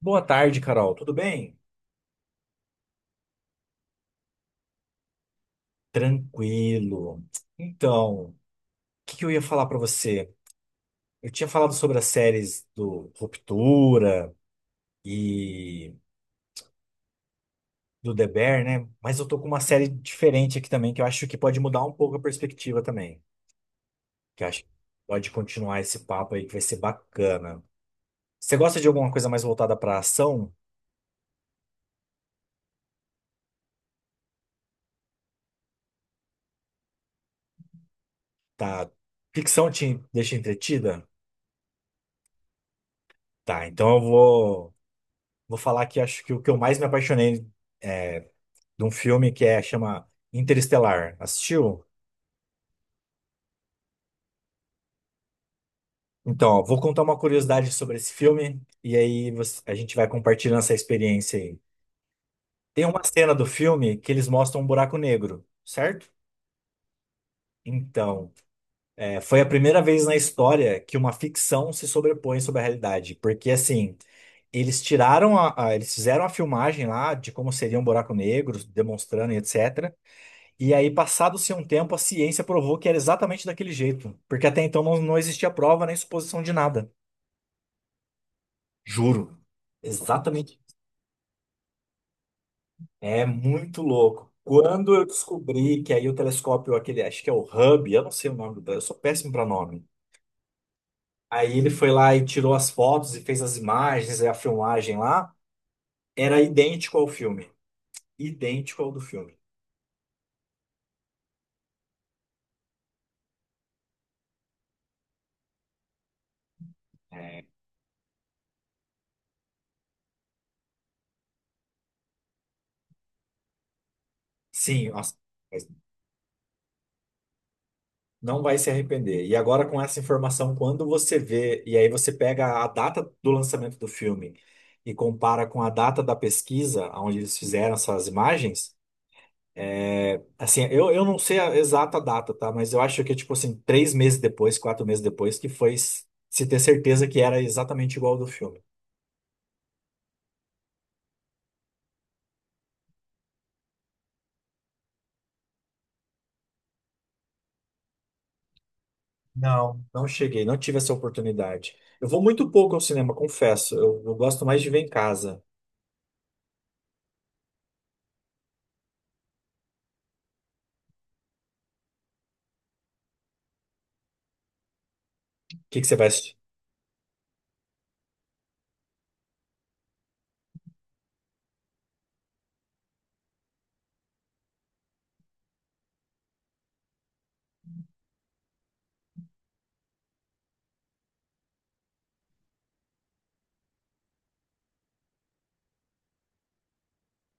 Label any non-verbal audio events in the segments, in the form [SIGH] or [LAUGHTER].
Boa tarde, Carol. Tudo bem? Tranquilo. Então, o que que eu ia falar pra você? Eu tinha falado sobre as séries do Ruptura e do The Bear, né? Mas eu tô com uma série diferente aqui também, que eu acho que pode mudar um pouco a perspectiva também. Que eu acho que pode continuar esse papo aí, que vai ser bacana. Você gosta de alguma coisa mais voltada pra ação? Tá? Ficção te deixa entretida? Tá, então vou falar que acho que o que eu mais me apaixonei, é, de um filme que é chama Interestelar. Assistiu? Então, ó, vou contar uma curiosidade sobre esse filme e a gente vai compartilhando essa experiência aí. Tem uma cena do filme que eles mostram um buraco negro, certo? Então, foi a primeira vez na história que uma ficção se sobrepõe sobre a realidade, porque assim, eles tiraram eles fizeram a filmagem lá de como seria um buraco negro, demonstrando e etc. E aí, passado-se um tempo, a ciência provou que era exatamente daquele jeito, porque até então não existia prova nem suposição de nada. Juro. Exatamente. É muito louco. Quando eu descobri que aí o telescópio, aquele, acho que é o Hubble, eu não sei o nome do telescópio, eu sou péssimo para nome. Aí ele foi lá e tirou as fotos e fez as imagens, a filmagem lá, era idêntico ao filme. Idêntico ao do filme. É, Sim, nossa. Não vai se arrepender. E agora, com essa informação, quando você vê, e aí você pega a data do lançamento do filme e compara com a data da pesquisa, onde eles fizeram essas imagens, eu não sei a exata data, tá? Mas eu acho que, tipo assim, três meses depois, quatro meses depois, que foi se ter certeza que era exatamente igual ao do filme. Não cheguei, não tive essa oportunidade. Eu vou muito pouco ao cinema, confesso. Eu gosto mais de ver em casa. O que que você vai assistir?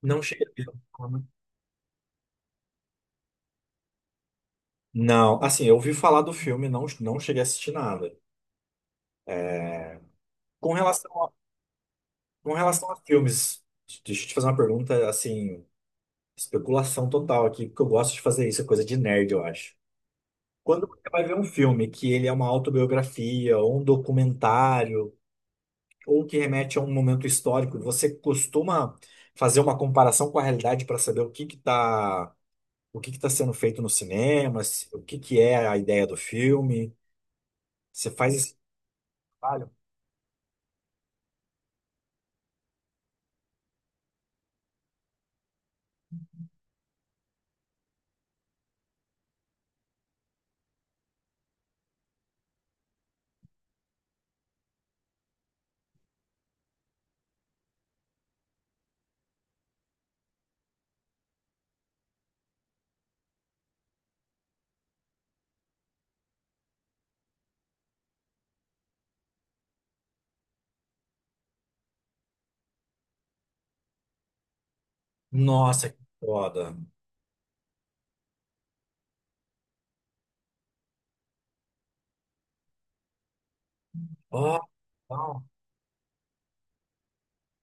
Não cheguei a ver o filme. Não, assim, eu ouvi falar do filme, não cheguei a assistir nada. Com relação a, com relação a filmes, deixa eu te fazer uma pergunta, assim, especulação total aqui, porque eu gosto de fazer isso, é coisa de nerd, eu acho. Quando você vai ver um filme que ele é uma autobiografia, ou um documentário, ou que remete a um momento histórico, você costuma fazer uma comparação com a realidade para saber o que que tá sendo feito no cinema, o que que é a ideia do filme? Você faz esse trabalho? Nossa, que foda. Ó, ó.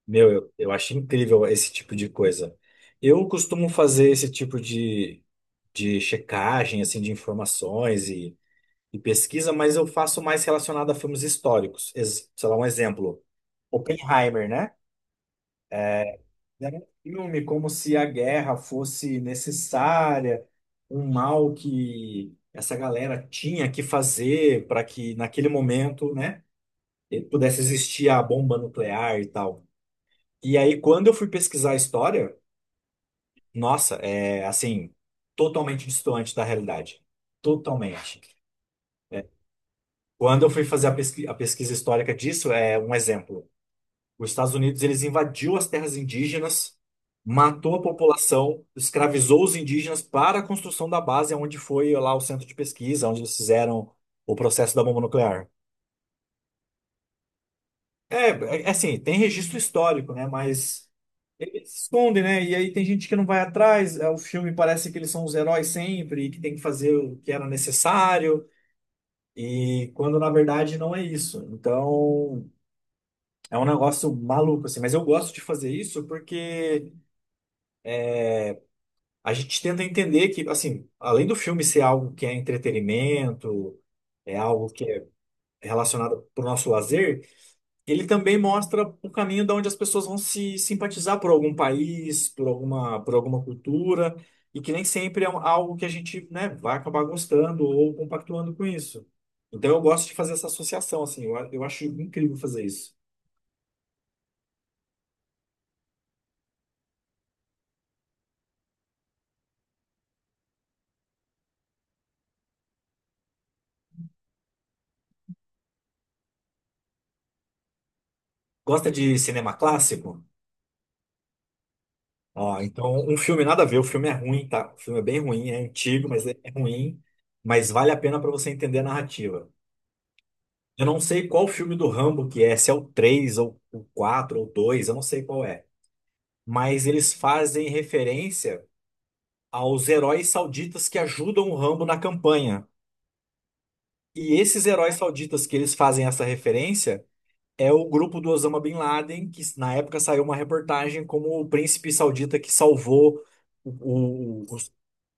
Meu, eu acho incrível esse tipo de coisa. Eu costumo fazer esse de checagem, assim, e pesquisa, mas eu faço mais relacionado a filmes históricos. Sei lá, um exemplo. Oppenheimer, né? Era um filme como se a guerra fosse necessária, um mal que essa galera tinha que fazer para que naquele momento, né, pudesse existir a bomba nuclear e tal. E aí, quando eu fui pesquisar a história, nossa, é assim, totalmente distante da realidade. Totalmente. É, Quando eu fui fazer a pesquisa histórica disso, é um exemplo. Os Estados Unidos, eles invadiu as terras indígenas, matou a população, escravizou os indígenas para a construção da base, onde foi lá o centro de pesquisa, onde eles fizeram o processo da bomba nuclear. É, assim, tem registro histórico, né? Mas ele se esconde, né? E aí tem gente que não vai atrás. O filme parece que eles são os heróis sempre, e que tem que fazer o que era necessário, e quando na verdade não é isso. Então é um negócio maluco, assim. Mas eu gosto de fazer isso porque a gente tenta entender que, assim, além do filme ser algo que é entretenimento, é algo que é relacionado para o nosso lazer. Ele também mostra o caminho de onde as pessoas vão se simpatizar por algum país, por alguma cultura, e que nem sempre é algo que a gente, né, vai acabar gostando ou compactuando com isso. Então eu gosto de fazer essa associação, assim, eu acho incrível fazer isso. Gosta de cinema clássico? Ó, então um filme nada a ver, o filme é ruim, tá? O filme é bem ruim, é antigo, mas é ruim, mas vale a pena para você entender a narrativa. Eu não sei qual filme do Rambo que é, se é o 3 ou o 4 ou o 2, eu não sei qual é, mas eles fazem referência aos heróis sauditas que ajudam o Rambo na campanha. E esses heróis sauditas que eles fazem essa referência é o grupo do Osama Bin Laden, que na época saiu uma reportagem como o príncipe saudita que salvou os-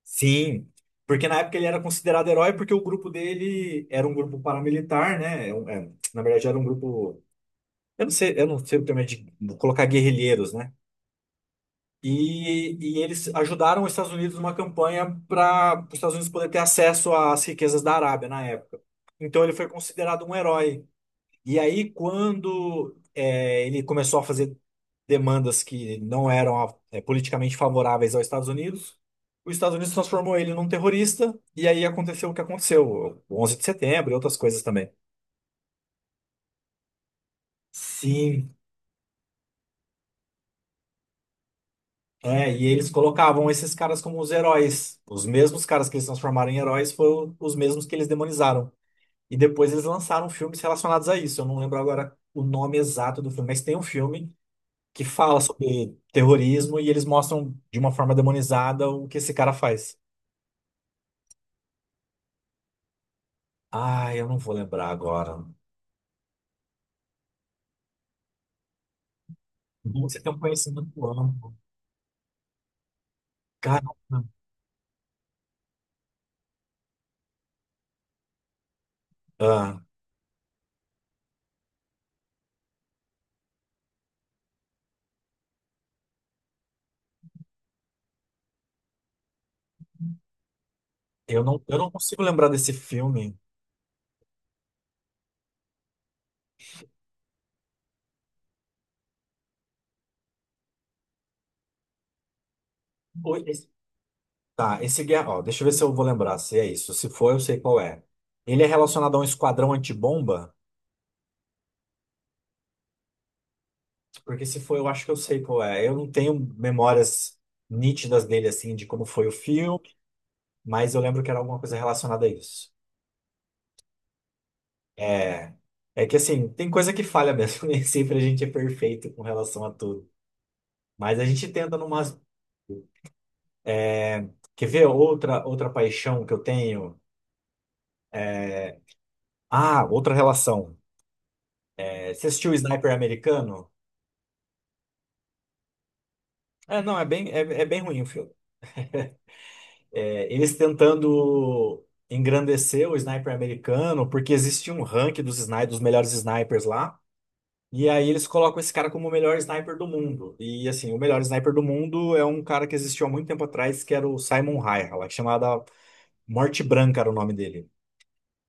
Sim, porque na época ele era considerado herói porque o grupo dele era um grupo paramilitar, né? É na verdade era um grupo, eu não sei o termo é de colocar guerrilheiros, né? E eles ajudaram os Estados Unidos numa campanha para os Estados Unidos poder ter acesso às riquezas da Arábia na época. Então ele foi considerado um herói. E aí, ele começou a fazer demandas que não eram politicamente favoráveis aos Estados Unidos, os Estados Unidos transformou ele num terrorista, e aí aconteceu o que aconteceu, o 11 de setembro e outras coisas também. Sim. É, e eles colocavam esses caras como os heróis. Os mesmos caras que eles transformaram em heróis foram os mesmos que eles demonizaram. E depois eles lançaram filmes relacionados a isso. Eu não lembro agora o nome exato do filme, mas tem um filme que fala sobre terrorismo e eles mostram de uma forma demonizada o que esse cara faz. Ah, eu não vou lembrar agora. Bom, você tem um conhecimento amplo. Caramba. Ah, eu não consigo lembrar desse filme. Tá, esse guerra, ó, deixa eu ver se eu vou lembrar se é isso. Se for, eu sei qual é. Ele é relacionado a um esquadrão antibomba? Porque se for, eu acho que eu sei qual é. Eu não tenho memórias nítidas dele, assim, de como foi o filme, mas eu lembro que era alguma coisa relacionada a isso. É, é que, assim, tem coisa que falha mesmo. [LAUGHS] Nem sempre a gente é perfeito com relação a tudo. Mas a gente tenta numa... Quer ver outra paixão que eu tenho? Ah, outra relação. É, você assistiu o Sniper Americano? É, não, é bem, é bem ruim o filme. É, eles tentando engrandecer o sniper americano, porque existe um ranking dos melhores snipers lá. E aí eles colocam esse cara como o melhor sniper do mundo. E assim, o melhor sniper do mundo é um cara que existiu há muito tempo atrás, que era o Simon Hayek, lá, chamada Morte Branca era o nome dele.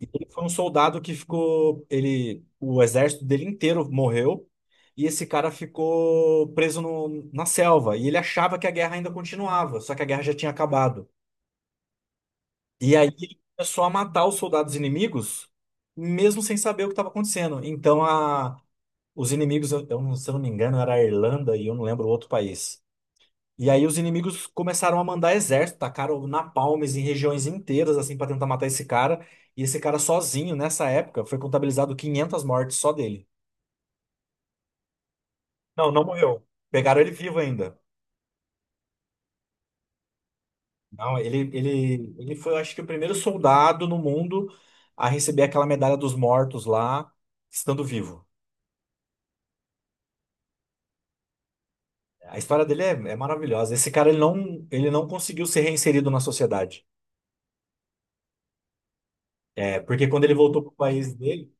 E ele foi um soldado que ficou, ele, o exército dele inteiro morreu, e esse cara ficou preso na selva, e ele achava que a guerra ainda continuava, só que a guerra já tinha acabado. E aí ele começou a matar os soldados inimigos, mesmo sem saber o que estava acontecendo. Então a, os inimigos, eu não- se eu não me engano, era a Irlanda e eu não lembro o outro país. E aí os inimigos começaram a mandar exército, tacaram napalmes em regiões inteiras assim para tentar matar esse cara. E esse cara sozinho, nessa época, foi contabilizado 500 mortes só dele. Não morreu. Pegaram ele vivo ainda. Não, ele foi, eu acho que, o primeiro soldado no mundo a receber aquela medalha dos mortos lá, estando vivo. A história dele é maravilhosa. Esse cara, ele não conseguiu ser reinserido na sociedade. É, porque quando ele voltou pro país dele,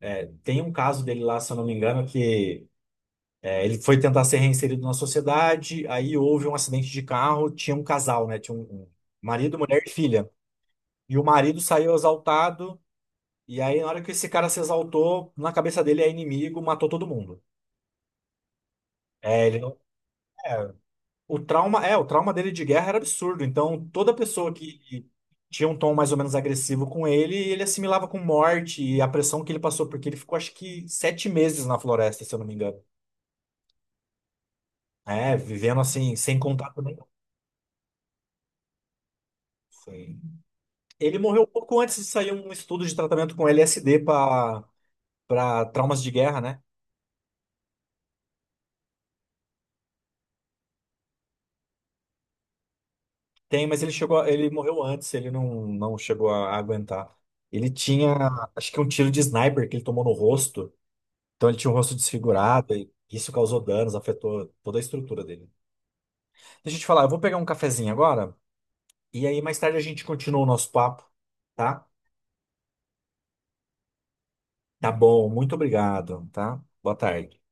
é, tem um caso dele lá, se eu não me engano, ele foi tentar ser reinserido na sociedade, aí houve um acidente de carro, tinha um casal, né? Tinha um marido, mulher e filha. E o marido saiu exaltado, e aí na hora que esse cara se exaltou, na cabeça dele é inimigo, matou todo mundo. É, ele não. é, O trauma, o trauma dele de guerra era absurdo. Então, toda pessoa que tinha um tom mais ou menos agressivo com ele, ele assimilava com morte e a pressão que ele passou, porque ele ficou acho que 7 meses na floresta, se eu não me engano. É, vivendo assim, sem contato nenhum. Foi- ele morreu um pouco antes de sair um estudo de tratamento com LSD para traumas de guerra, né? Tem, mas ele chegou, ele morreu antes, ele não, não chegou a aguentar. Ele tinha, acho que um tiro de sniper que ele tomou no rosto. Então ele tinha um rosto desfigurado e isso causou danos, afetou toda a estrutura dele. Deixa eu te falar, eu vou pegar um cafezinho agora e aí mais tarde a gente continua o nosso papo, tá? Tá bom, muito obrigado, tá? Boa tarde.